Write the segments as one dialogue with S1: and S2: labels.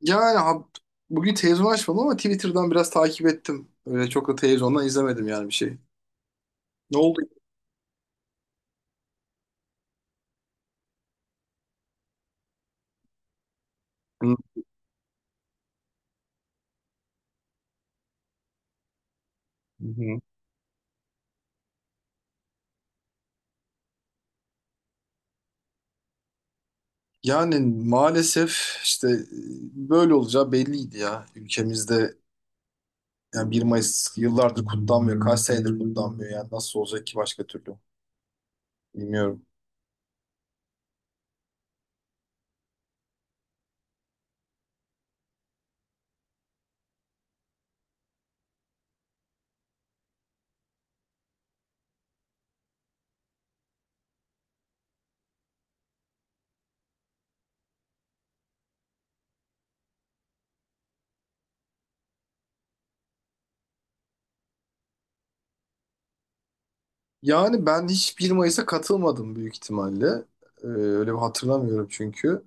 S1: Yani bugün televizyon açmadım ama Twitter'dan biraz takip ettim. Öyle çok da televizyondan izlemedim yani bir şey. Ne oldu? Hı hı. Yani maalesef işte böyle olacağı belliydi ya. Ülkemizde yani 1 Mayıs yıllardır kutlanmıyor. Kaç senedir kutlanmıyor yani nasıl olacak ki başka türlü? Bilmiyorum. Yani ben hiç 1 Mayıs'a katılmadım büyük ihtimalle. Öyle bir hatırlamıyorum çünkü.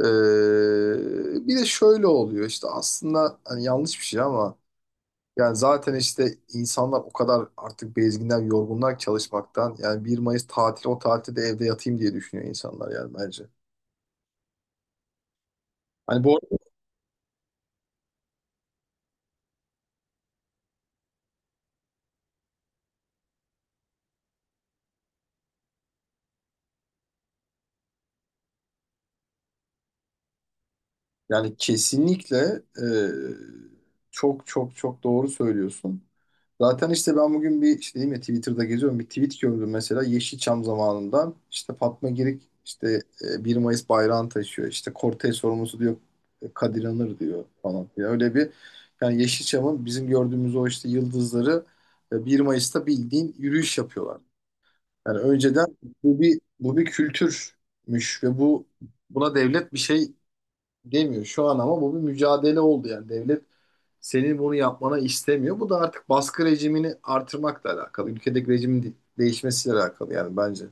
S1: Bir de şöyle oluyor işte aslında hani yanlış bir şey ama yani zaten işte insanlar o kadar artık bezginden, yorgunlar ki çalışmaktan. Yani 1 Mayıs tatili, o tatilde de evde yatayım diye düşünüyor insanlar yani bence. Hani bu, yani kesinlikle e, çok çok çok doğru söylüyorsun. Zaten işte ben bugün bir işte, değil mi, Twitter'da geziyorum, bir tweet gördüm mesela Yeşilçam zamanından, işte Fatma Girik işte 1 Mayıs bayrağını taşıyor, işte kortej sorumlusu diyor Kadir Anır diyor falan. Yani öyle bir, yani Yeşilçam'ın bizim gördüğümüz o işte yıldızları 1 Mayıs'ta bildiğin yürüyüş yapıyorlar. Yani önceden bu bir kültürmüş ve bu, buna devlet bir şey demiyor. Şu an ama bu bir mücadele oldu yani. Devlet senin bunu yapmana istemiyor. Bu da artık baskı rejimini artırmakla alakalı. Ülkedeki rejimin değişmesiyle alakalı yani bence.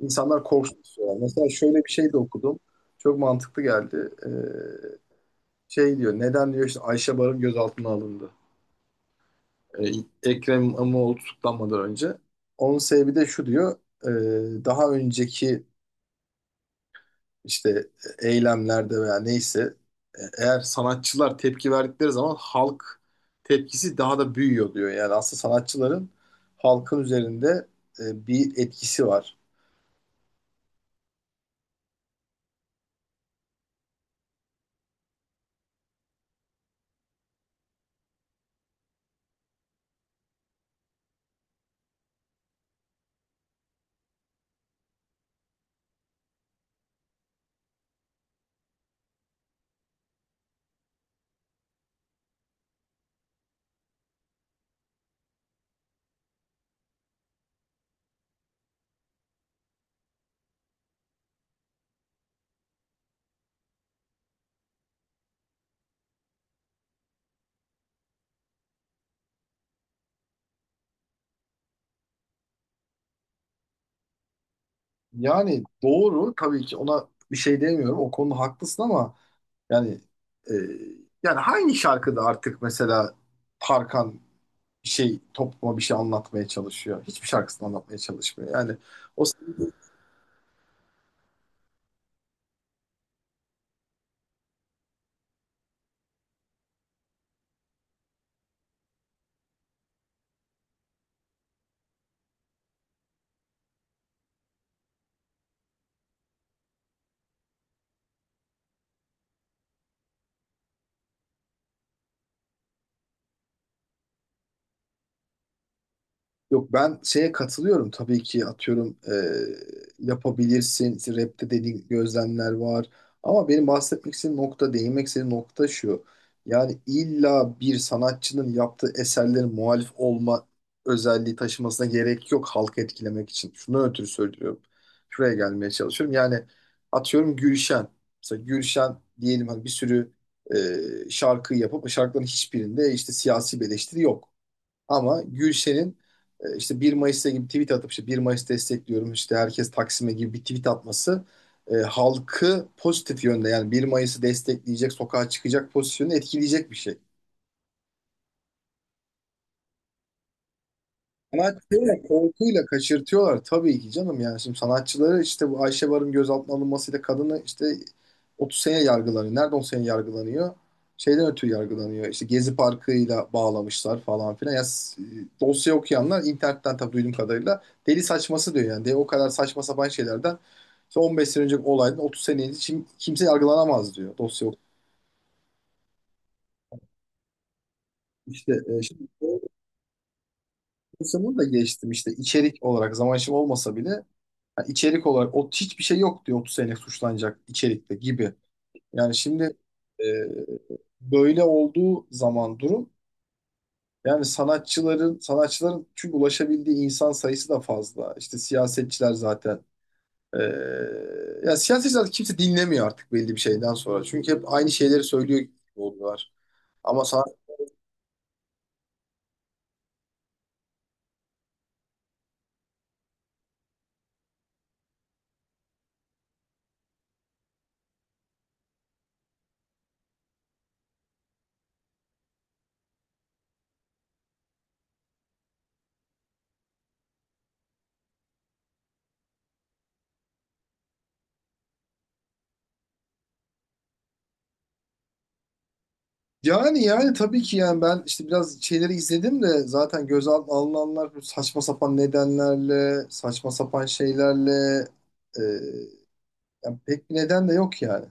S1: İnsanlar korksun istiyorlar. Mesela şöyle bir şey de okudum. Çok mantıklı geldi. Şey diyor, neden diyor işte Ayşe Barın gözaltına alındı. Ee, Ekrem İmamoğlu tutuklanmadan önce. Onun sebebi de şu diyor. Daha önceki işte eylemlerde veya neyse eğer sanatçılar tepki verdikleri zaman halk tepkisi daha da büyüyor diyor. Yani aslında sanatçıların halkın üzerinde bir etkisi var. Yani doğru, tabii ki, ona bir şey demiyorum. O konuda haklısın ama yani e, yani hangi şarkıda artık mesela Tarkan bir şey topluma bir şey anlatmaya çalışıyor? Hiçbir şarkısını anlatmaya çalışmıyor. Yani o, yok, ben şeye katılıyorum tabii ki, atıyorum yapabilirsin, İşte rapte dediğin gözlemler var ama benim bahsetmek istediğim nokta, değinmek istediğim nokta şu: yani illa bir sanatçının yaptığı eserlerin muhalif olma özelliği taşımasına gerek yok halkı etkilemek için. Şunu ötürü söylüyorum, şuraya gelmeye çalışıyorum, yani atıyorum Gülşen, mesela Gülşen diyelim, hani bir sürü şarkı yapıp şarkıların hiçbirinde işte siyasi bir eleştiri yok. Ama Gülşen'in işte 1 Mayıs'ta gibi tweet atıp, işte 1 Mayıs destekliyorum, işte herkes Taksim'e gibi bir tweet atması halkı pozitif yönde, yani 1 Mayıs'ı destekleyecek, sokağa çıkacak pozisyonu etkileyecek bir şey. Sanatçıyı korkuyla kaçırtıyorlar tabii ki canım. Yani şimdi sanatçıları, işte bu Ayşe Barın gözaltına alınmasıyla kadını, işte 30 sene yargılanıyor. Nerede 10 sene yargılanıyor? Şeyden ötürü yargılanıyor. İşte Gezi Parkı'yla bağlamışlar falan filan. Ya, dosya okuyanlar internetten, tabii duyduğum kadarıyla, deli saçması diyor yani. De, o kadar saçma sapan şeylerden, işte 15 sene önceki olaydan 30 sene önce kimse yargılanamaz diyor dosya. İşte şimdi dosya, bunu da geçtim, işte içerik olarak zaman şimdi olmasa bile, yani içerik olarak o hiçbir şey yok diyor, 30 sene suçlanacak içerikte gibi. Yani şimdi e, böyle olduğu zaman durum, yani sanatçıların çünkü ulaşabildiği insan sayısı da fazla. İşte siyasetçiler zaten e, ya siyasetçiler, kimse dinlemiyor artık belli bir şeyden sonra. Çünkü hep aynı şeyleri söylüyor gibi oluyorlar. Ama sanat, yani, yani tabii ki, yani ben işte biraz şeyleri izledim de zaten gözaltına alınanlar bu saçma sapan nedenlerle, saçma sapan şeylerle, e, yani pek bir neden de yok yani.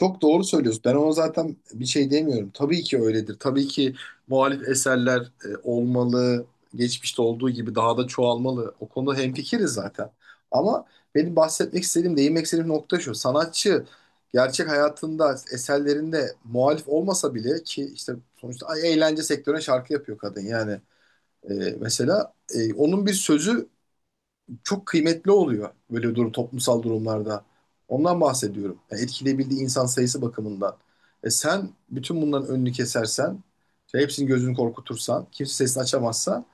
S1: Çok doğru söylüyorsun. Ben ona zaten bir şey demiyorum. Tabii ki öyledir. Tabii ki muhalif eserler olmalı. Geçmişte olduğu gibi daha da çoğalmalı. O konuda hemfikiriz zaten. Ama benim bahsetmek istediğim, değinmek istediğim nokta şu: sanatçı gerçek hayatında, eserlerinde muhalif olmasa bile ki işte sonuçta, eğlence sektörüne şarkı yapıyor kadın yani. E, Mesela onun bir sözü çok kıymetli oluyor böyle durum, toplumsal durumlarda. Ondan bahsediyorum. Yani etkileyebildiği insan sayısı bakımından. Sen bütün bunların önünü kesersen, işte hepsinin gözünü korkutursan, kimse sesini açamazsa,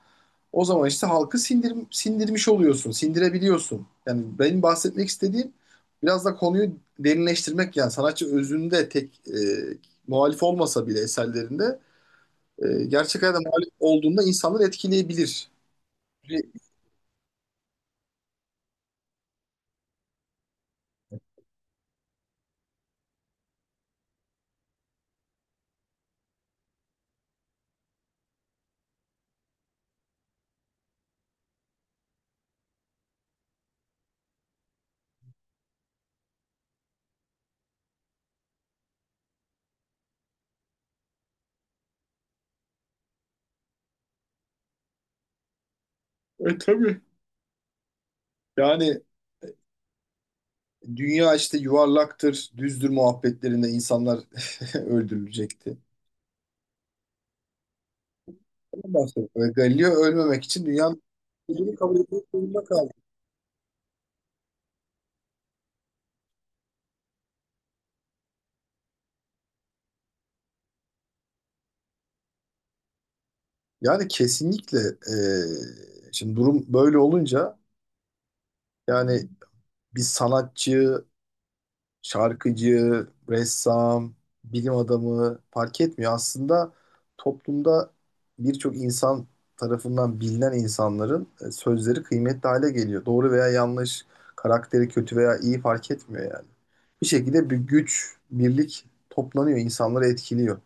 S1: o zaman işte halkı sindir, sindirmiş oluyorsun, sindirebiliyorsun. Yani benim bahsetmek istediğim, biraz da konuyu derinleştirmek, yani sanatçı özünde tek muhalif olmasa bile eserlerinde, gerçek hayatta muhalif olduğunda insanları etkileyebilir. E, tabii. Yani dünya işte yuvarlaktır, düzdür muhabbetlerinde insanlar öldürülecekti. Ondan bahsediyor. Ve Galileo ölmemek için dünyanın olduğunu kabul etmek zorunda kaldı. Yani kesinlikle şimdi durum böyle olunca, yani bir sanatçı, şarkıcı, ressam, bilim adamı fark etmiyor. Aslında toplumda birçok insan tarafından bilinen insanların sözleri kıymetli hale geliyor. Doğru veya yanlış, karakteri kötü veya iyi, fark etmiyor yani. Bir şekilde bir güç, birlik toplanıyor, insanları etkiliyor.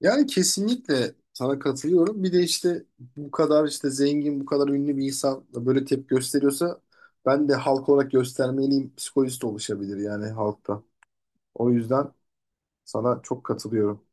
S1: Yani kesinlikle sana katılıyorum. Bir de işte bu kadar işte zengin, bu kadar ünlü bir insan da böyle tepki gösteriyorsa ben de halk olarak göstermeliyim psikolojisi de oluşabilir yani halkta. O yüzden sana çok katılıyorum.